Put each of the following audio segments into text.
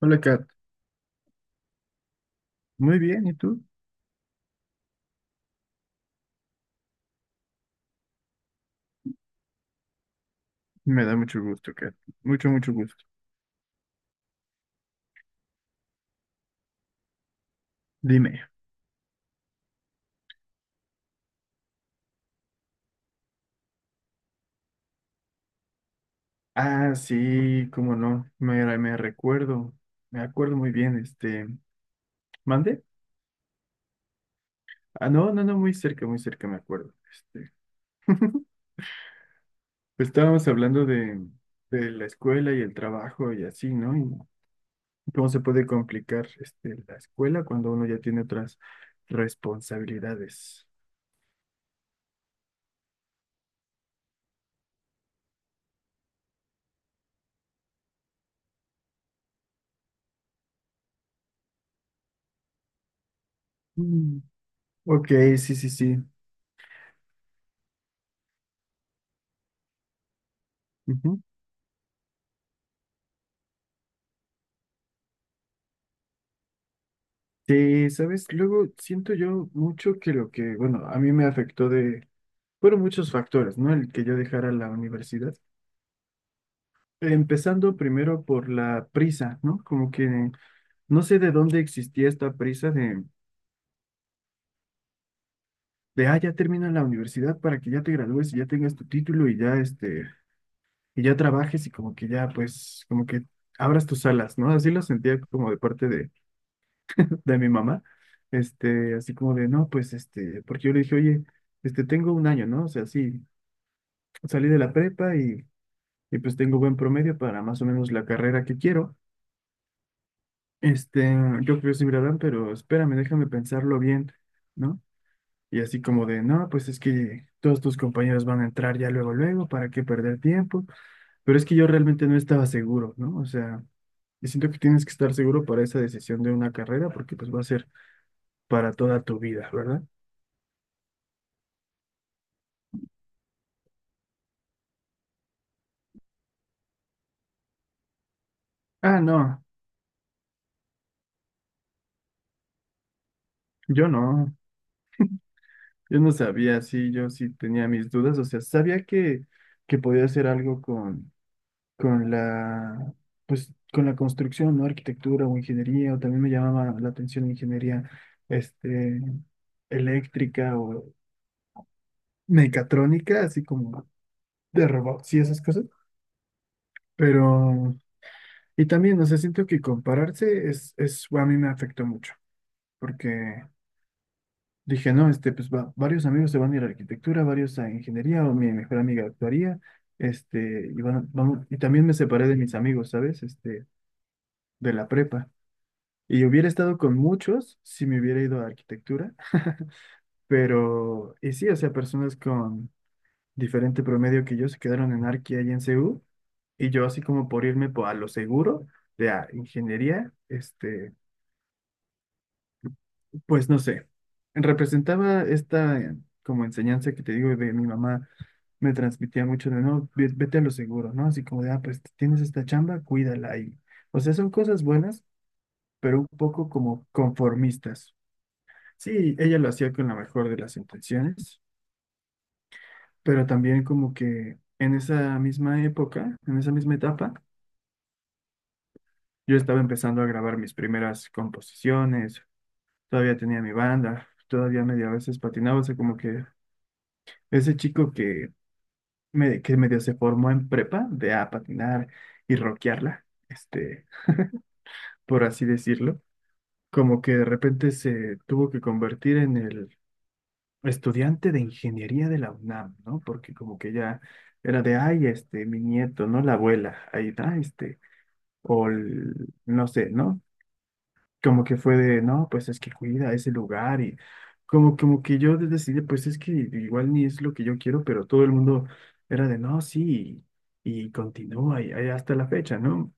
Hola, Kat. Muy bien, ¿y tú? Me da mucho gusto, Kat. Mucho, mucho gusto. Dime. Ah, sí, cómo no. Me recuerdo. Me acuerdo muy bien, ¿Mande? Ah, no, no, no, muy cerca me acuerdo. Pues estábamos hablando de la escuela y el trabajo y así, ¿no? Y cómo se puede complicar la escuela cuando uno ya tiene otras responsabilidades. Mm, ok, sí, sí, sí. Sí, sabes, luego siento yo mucho que lo que, bueno, a mí me afectó de, fueron muchos factores, ¿no? El que yo dejara la universidad. Empezando primero por la prisa, ¿no? Como que no sé de dónde existía esta prisa de, ah, ya termina la universidad para que ya te gradúes y ya tengas tu título y ya, y ya trabajes y como que ya, pues, como que abras tus alas, ¿no? Así lo sentía como de parte de mi mamá, así como de, no, pues, porque yo le dije, oye, tengo un año, ¿no? O sea, sí, salí de la prepa y pues tengo buen promedio para más o menos la carrera que quiero. Este, yo creo que sí me la dan, pero espérame, déjame pensarlo bien, ¿no? Y así como de, no, pues es que todos tus compañeros van a entrar ya luego, luego, ¿para qué perder tiempo? Pero es que yo realmente no estaba seguro, ¿no? O sea, yo siento que tienes que estar seguro para esa decisión de una carrera porque pues va a ser para toda tu vida, ¿verdad? Ah, no, yo no, yo no sabía, sí, yo sí tenía mis dudas, o sea, sabía que podía hacer algo con la, pues, con la construcción, ¿no? Arquitectura o ingeniería, o también me llamaba la atención ingeniería, este, eléctrica o mecatrónica, así como de robots y esas cosas. Pero, y también, no sé, siento que compararse a mí me afectó mucho, porque dije, no, pues varios amigos se van a ir a arquitectura, varios a ingeniería, o mi mejor amiga actuaría, y, vamos, y también me separé de mis amigos, ¿sabes? De la prepa. Y hubiera estado con muchos si me hubiera ido a arquitectura, pero, y sí, o sea, personas con diferente promedio que yo se quedaron en arqui y en CU, y yo así como por irme a lo seguro de a ingeniería, pues no sé, representaba esta como enseñanza que te digo de mi mamá, me transmitía mucho de no, vete a lo seguro, ¿no? Así como de, ah, pues tienes esta chamba, cuídala y, o sea, son cosas buenas, pero un poco como conformistas. Sí, ella lo hacía con la mejor de las intenciones, pero también como que en esa misma época, en esa misma etapa, yo estaba empezando a grabar mis primeras composiciones, todavía tenía mi banda, todavía medio a veces patinaba, o sea, como que ese chico que, me, que medio se formó en prepa de a patinar y rockearla, por así decirlo, como que de repente se tuvo que convertir en el estudiante de ingeniería de la UNAM, ¿no? Porque como que ya era de, ay, mi nieto, ¿no? La abuela, ahí está, o no sé, ¿no? Como que fue de, no, pues es que cuida ese lugar y como, como que yo decidí, pues es que igual ni es lo que yo quiero, pero todo el mundo era de, no, sí, y, continúa y, ahí hasta la fecha, ¿no?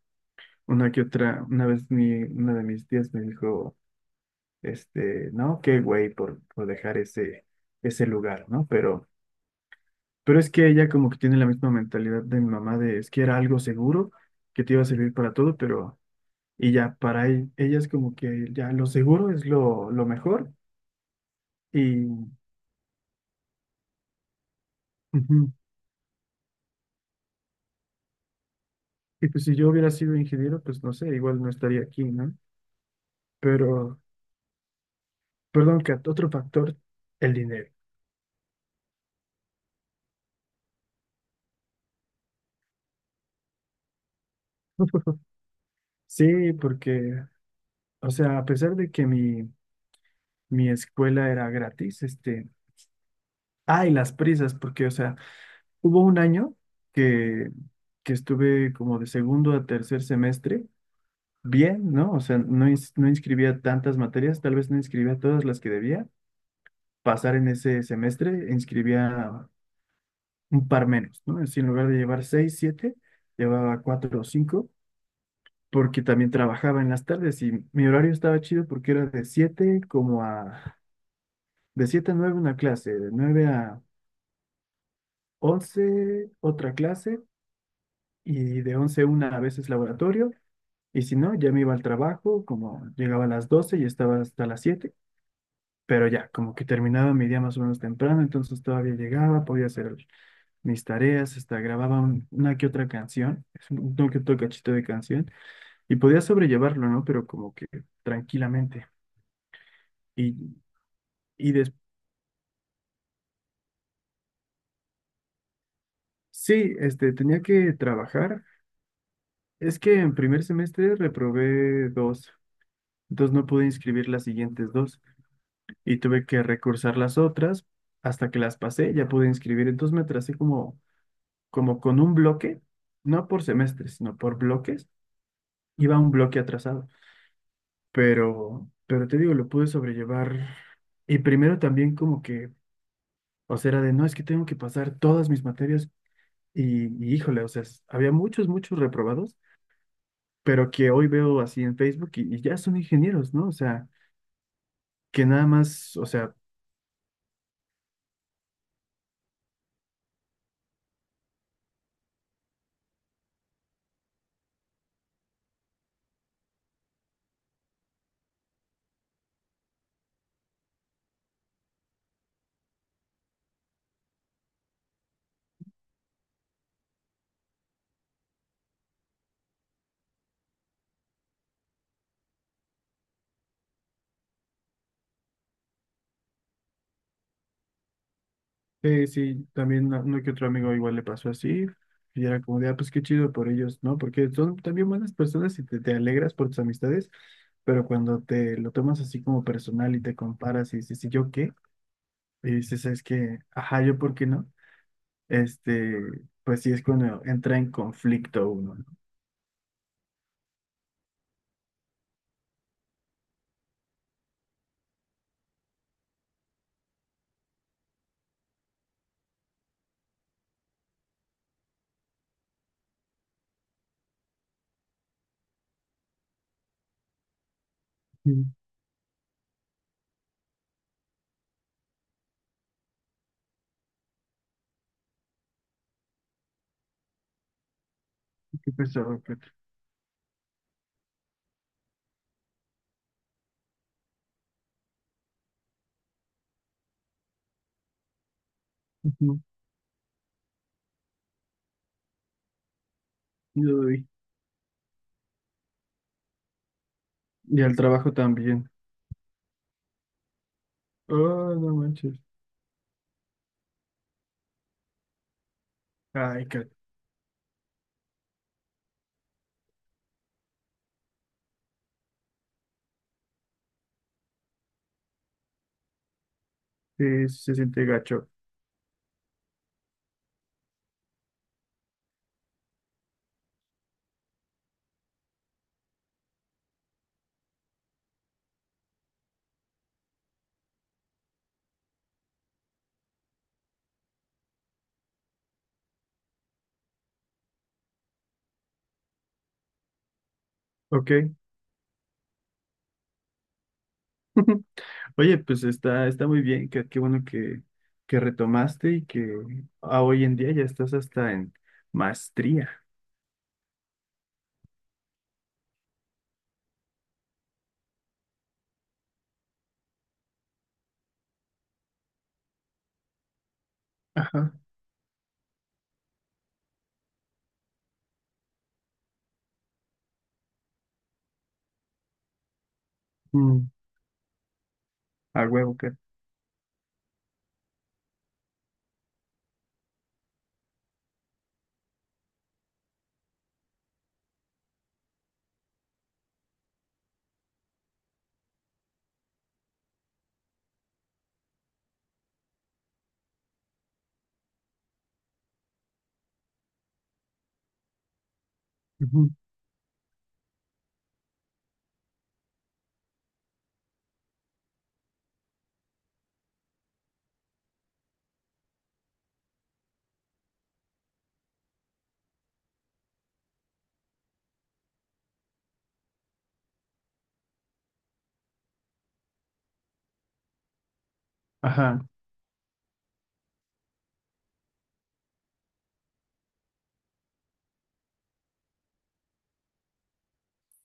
Una que otra, una vez mi, una de mis tías me dijo, no, qué güey por dejar ese, ese lugar, ¿no? Pero es que ella como que tiene la misma mentalidad de mi mamá de es que era algo seguro, que te iba a servir para todo, pero y ya para ella es como que ya lo seguro es lo mejor y, ujú. Y pues si yo hubiera sido ingeniero, pues no sé, igual no estaría aquí, ¿no? Pero, perdón, Kat, otro factor, el dinero. Sí, porque, o sea, a pesar de que mi escuela era gratis, ay, las prisas, porque, o sea, hubo un año que, que estuve como de segundo a tercer semestre, bien, ¿no? O sea, no, no inscribía tantas materias, tal vez no inscribía todas las que debía pasar en ese semestre, inscribía un par menos, ¿no? Así, en lugar de llevar seis, siete, llevaba cuatro o cinco, porque también trabajaba en las tardes y mi horario estaba chido porque era de siete como a, de siete a nueve una clase, de nueve a once otra clase y de 11 a 1 a veces laboratorio. Y si no, ya me iba al trabajo, como llegaba a las 12 y estaba hasta las siete, pero ya, como que terminaba mi día más o menos temprano, entonces todavía llegaba, podía hacer mis tareas, hasta grababa una que otra canción, es un que otro cachito de canción, y podía sobrellevarlo, ¿no? Pero como que tranquilamente. Y, y sí, tenía que trabajar. Es que en primer semestre reprobé dos, entonces no pude inscribir las siguientes dos. Y tuve que recursar las otras hasta que las pasé, ya pude inscribir. Entonces me tracé como, como con un bloque, no por semestres, sino por bloques. Iba un bloque atrasado, pero te digo, lo pude sobrellevar. Y primero también como que, o sea, era de, no, es que tengo que pasar todas mis materias y híjole, o sea, había muchos, muchos reprobados, pero que hoy veo así en Facebook y ya son ingenieros, ¿no? O sea, que nada más, o sea, sí, sí, también uno que otro amigo igual le pasó así, y era como de, ah, pues qué chido por ellos, ¿no? Porque son también buenas personas y te alegras por tus amistades, pero cuando te lo tomas así como personal y te comparas y dices, ¿y yo qué? Y dices, es que, ajá, ¿yo por qué no? Este, pues sí es cuando entra en conflicto uno, ¿no? Sí. ¿Qué pesado, Kat? Ujú, uy. Y al trabajo también. Oh, no manches. Ay, Kat, sí, se siente gacho. Ok. Oye, pues está, está muy bien, qué, qué bueno que retomaste y que a hoy en día ya estás hasta en maestría. Ajá. Mm, a huevo, que. Ujú, ajá.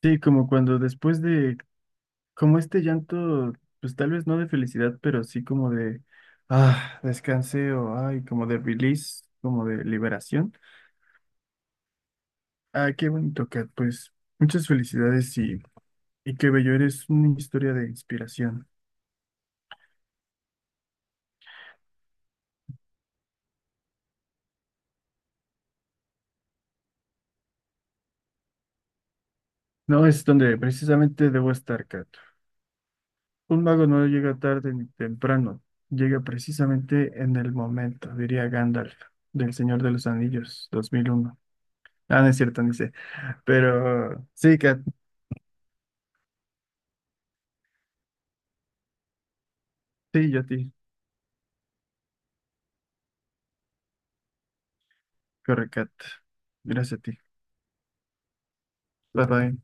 Sí, como cuando después de, como este llanto, pues tal vez no de felicidad, pero sí como de, ah, descanse o, ay, como de release, como de liberación. Ah, qué bonito, Kat, pues muchas felicidades y qué bello, eres una historia de inspiración. No es donde precisamente debo estar, Kat. Un mago no llega tarde ni temprano, llega precisamente en el momento, diría Gandalf, del Señor de los Anillos, 2001. Ah, no es cierto, ni sé. Pero sí, Kat, sí, yo a ti. Corre, Kat. Gracias a ti. Bye bye.